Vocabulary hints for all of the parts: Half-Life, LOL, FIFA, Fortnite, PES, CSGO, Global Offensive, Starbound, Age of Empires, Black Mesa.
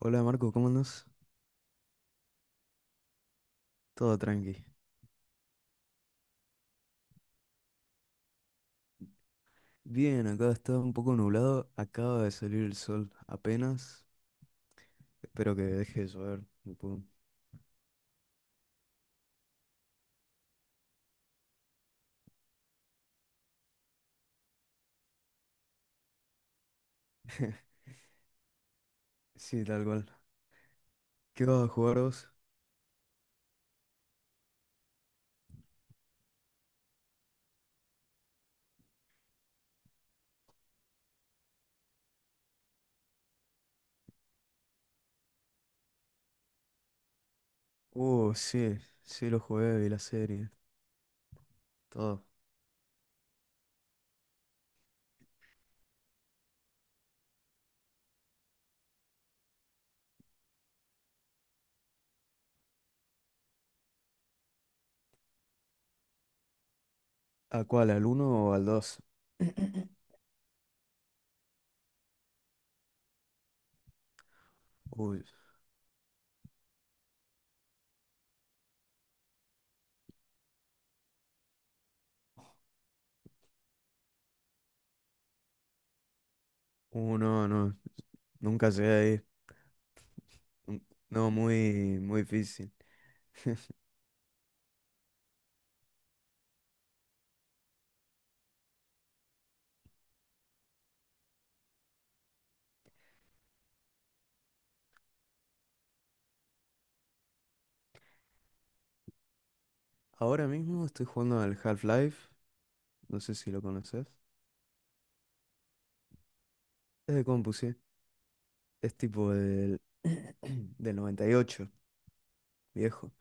Hola Marco, ¿cómo andas? Todo tranqui. Bien, acá está un poco nublado, acaba de salir el sol apenas. Espero que deje de llover un poco. Sí, tal cual. ¿Qué vas a jugar vos? Sí, sí lo jugué, vi la serie, todo. ¿A cuál? ¿Al uno o al dos? Uy, no, no, nunca llegué ahí. Nun- No, muy, muy difícil. Ahora mismo estoy jugando al Half-Life, no sé si lo conoces. Es de compu, sí. Es tipo del, del 98 viejo.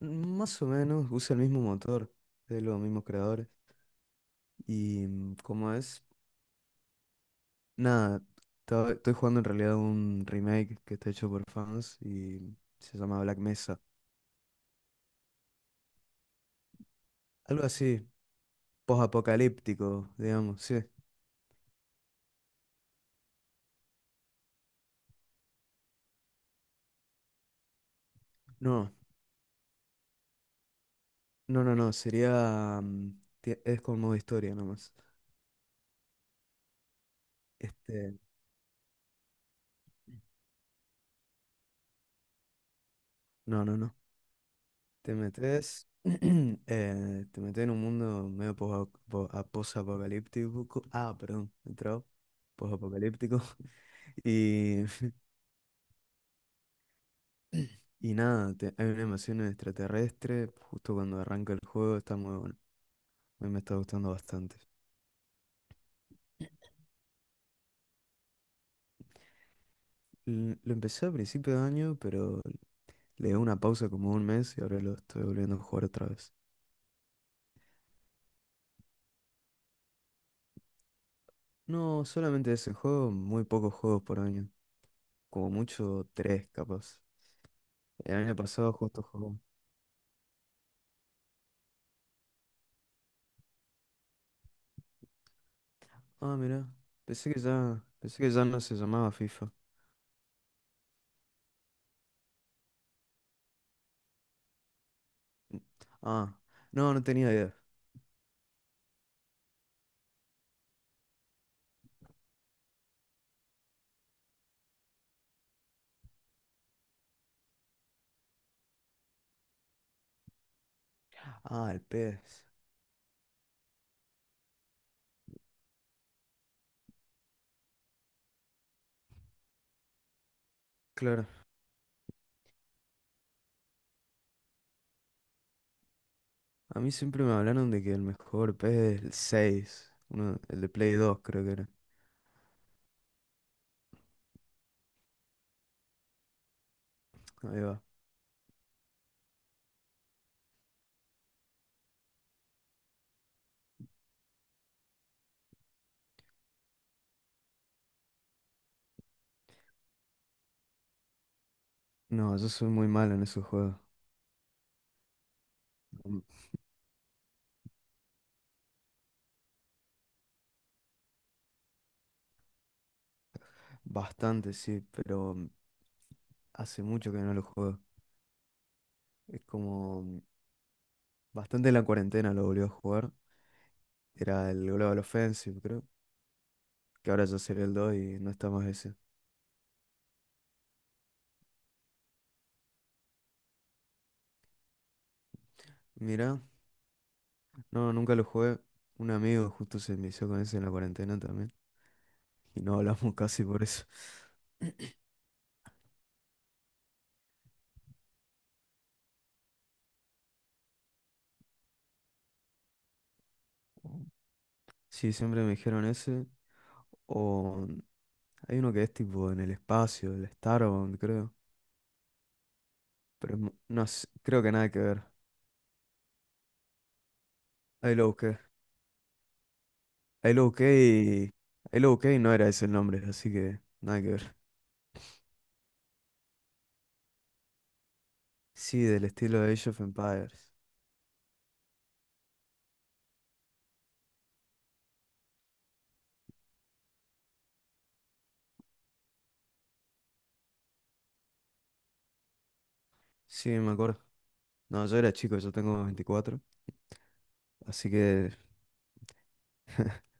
Más o menos usa el mismo motor, de los mismos creadores. Y como es, nada, estoy jugando en realidad un remake que está hecho por fans y se llama Black Mesa. Algo así, post-apocalíptico, digamos, sí. No, no, no, no, sería, es con modo historia nomás. Este, no, no, no. Te metes, te metes en un mundo medio posapocalíptico. Ah, perdón, me trabo. Posapocalíptico. Y, y nada, hay una invasión extraterrestre. Justo cuando arranca el juego está muy bueno. A mí me está gustando bastante. Lo empecé a principio de año, pero le di una pausa como un mes y ahora lo estoy volviendo a jugar otra vez. No, solamente ese juego, muy pocos juegos por año. Como mucho, tres capaz. El año pasado justo jugué. Ah, mira. Pensé que ya no se llamaba FIFA. Ah, no, no tenía idea. Ah, el PES. Claro. A mí siempre me hablaron de que el mejor PES es el 6, uno, el de Play 2, creo que era. Ahí va. No, yo soy muy malo en esos juegos. Mm, bastante, sí, pero hace mucho que no lo juego. Es como bastante en la cuarentena lo volví a jugar. Era el Global Offensive, creo. Que ahora ya sería el 2 y no está más ese. Mira, no, nunca lo jugué. Un amigo justo se envició con ese en la cuarentena también. Y no hablamos casi por eso. Sí, siempre me dijeron ese. O hay uno que es tipo en el espacio, el Starbound, creo. Pero es no sé, creo que nada que ver. Ahí lo busqué. Ahí lo busqué y. Ahí lo busqué y no era ese el nombre, así que nada que ver. Sí, del estilo de Age of Empires. Sí, me acuerdo. No, yo era chico, yo tengo 24. Así que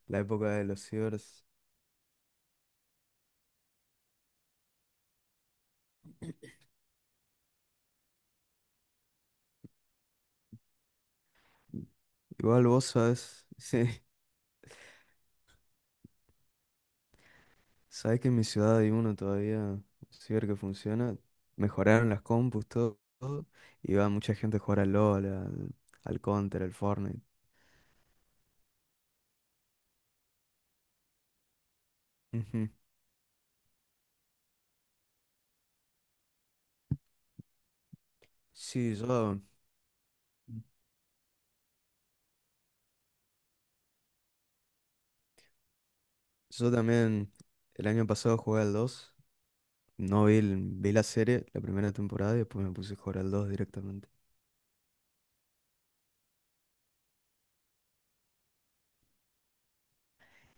la época de los cibers. Igual vos sabes. Sí, sabes que en mi ciudad hay uno todavía, un ciber que funciona. Mejoraron las compus, todo, todo, y va mucha gente a jugar al LOL, al Counter, al Fortnite. Ujú. Sí, yo también el año pasado jugué al 2. No vi, vi la serie, la primera temporada, y después me puse a jugar al 2 directamente.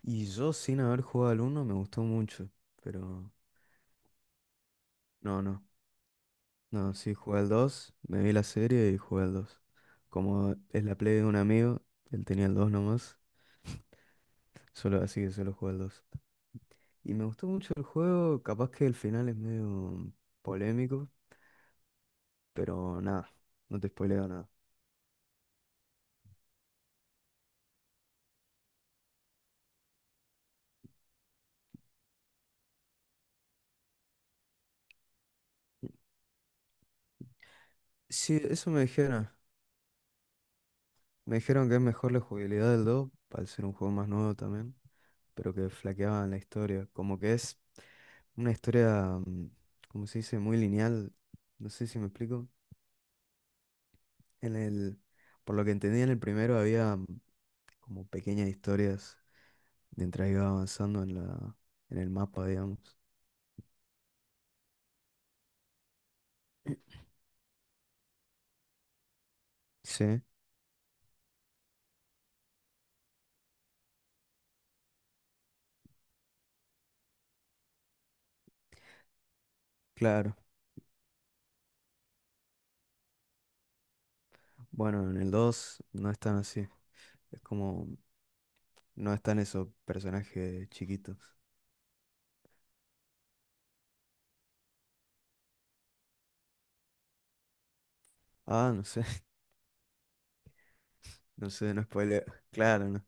Y yo sin haber jugado al uno me gustó mucho, pero no, no. No, sí, jugué al 2, me vi la serie y jugué al 2. Como es la play de un amigo, él tenía el 2 nomás. Solo así que solo jugué el dos. Y me gustó mucho el juego, capaz que el final es medio polémico, pero nada, no te spoileo nada. Sí, eso me dijeron. Me dijeron que es mejor la jugabilidad del 2 al ser un juego más nuevo también, pero que flaqueaban la historia. Como que es una historia, como se dice, muy lineal. No sé si me explico. En el, por lo que entendí en el primero había como pequeñas historias mientras iba avanzando en el mapa, digamos. Sí. Claro, bueno, en el 2 no es tan así, es como, no están esos personajes chiquitos. Ah, no sé, no sé, no spoiler. Claro, no.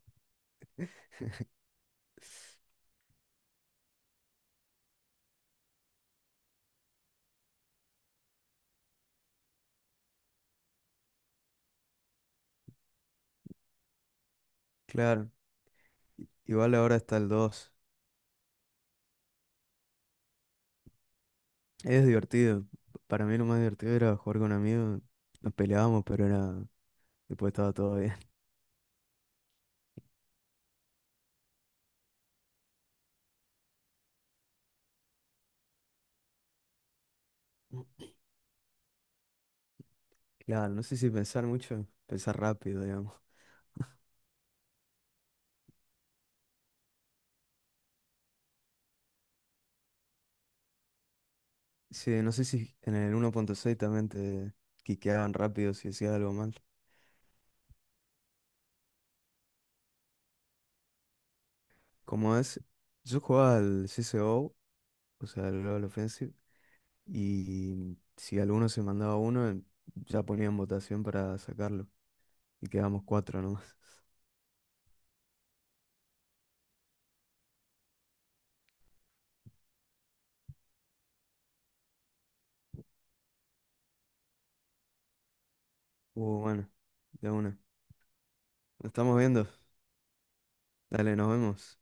Claro, igual ahora está el dos. Es divertido, para mí lo más divertido era jugar con amigos, nos peleábamos, pero era, después estaba todo bien. Claro, no sé si pensar mucho, pensar rápido, digamos. Sí, no sé si en el 1.6 también te quiqueaban rápido si decías algo mal. Como es, yo jugaba al CSGO o sea, del Global Offensive. Y si alguno se mandaba uno, ya ponían votación para sacarlo. Y quedamos cuatro nomás. Bueno, de una. Nos estamos viendo. Dale, nos vemos.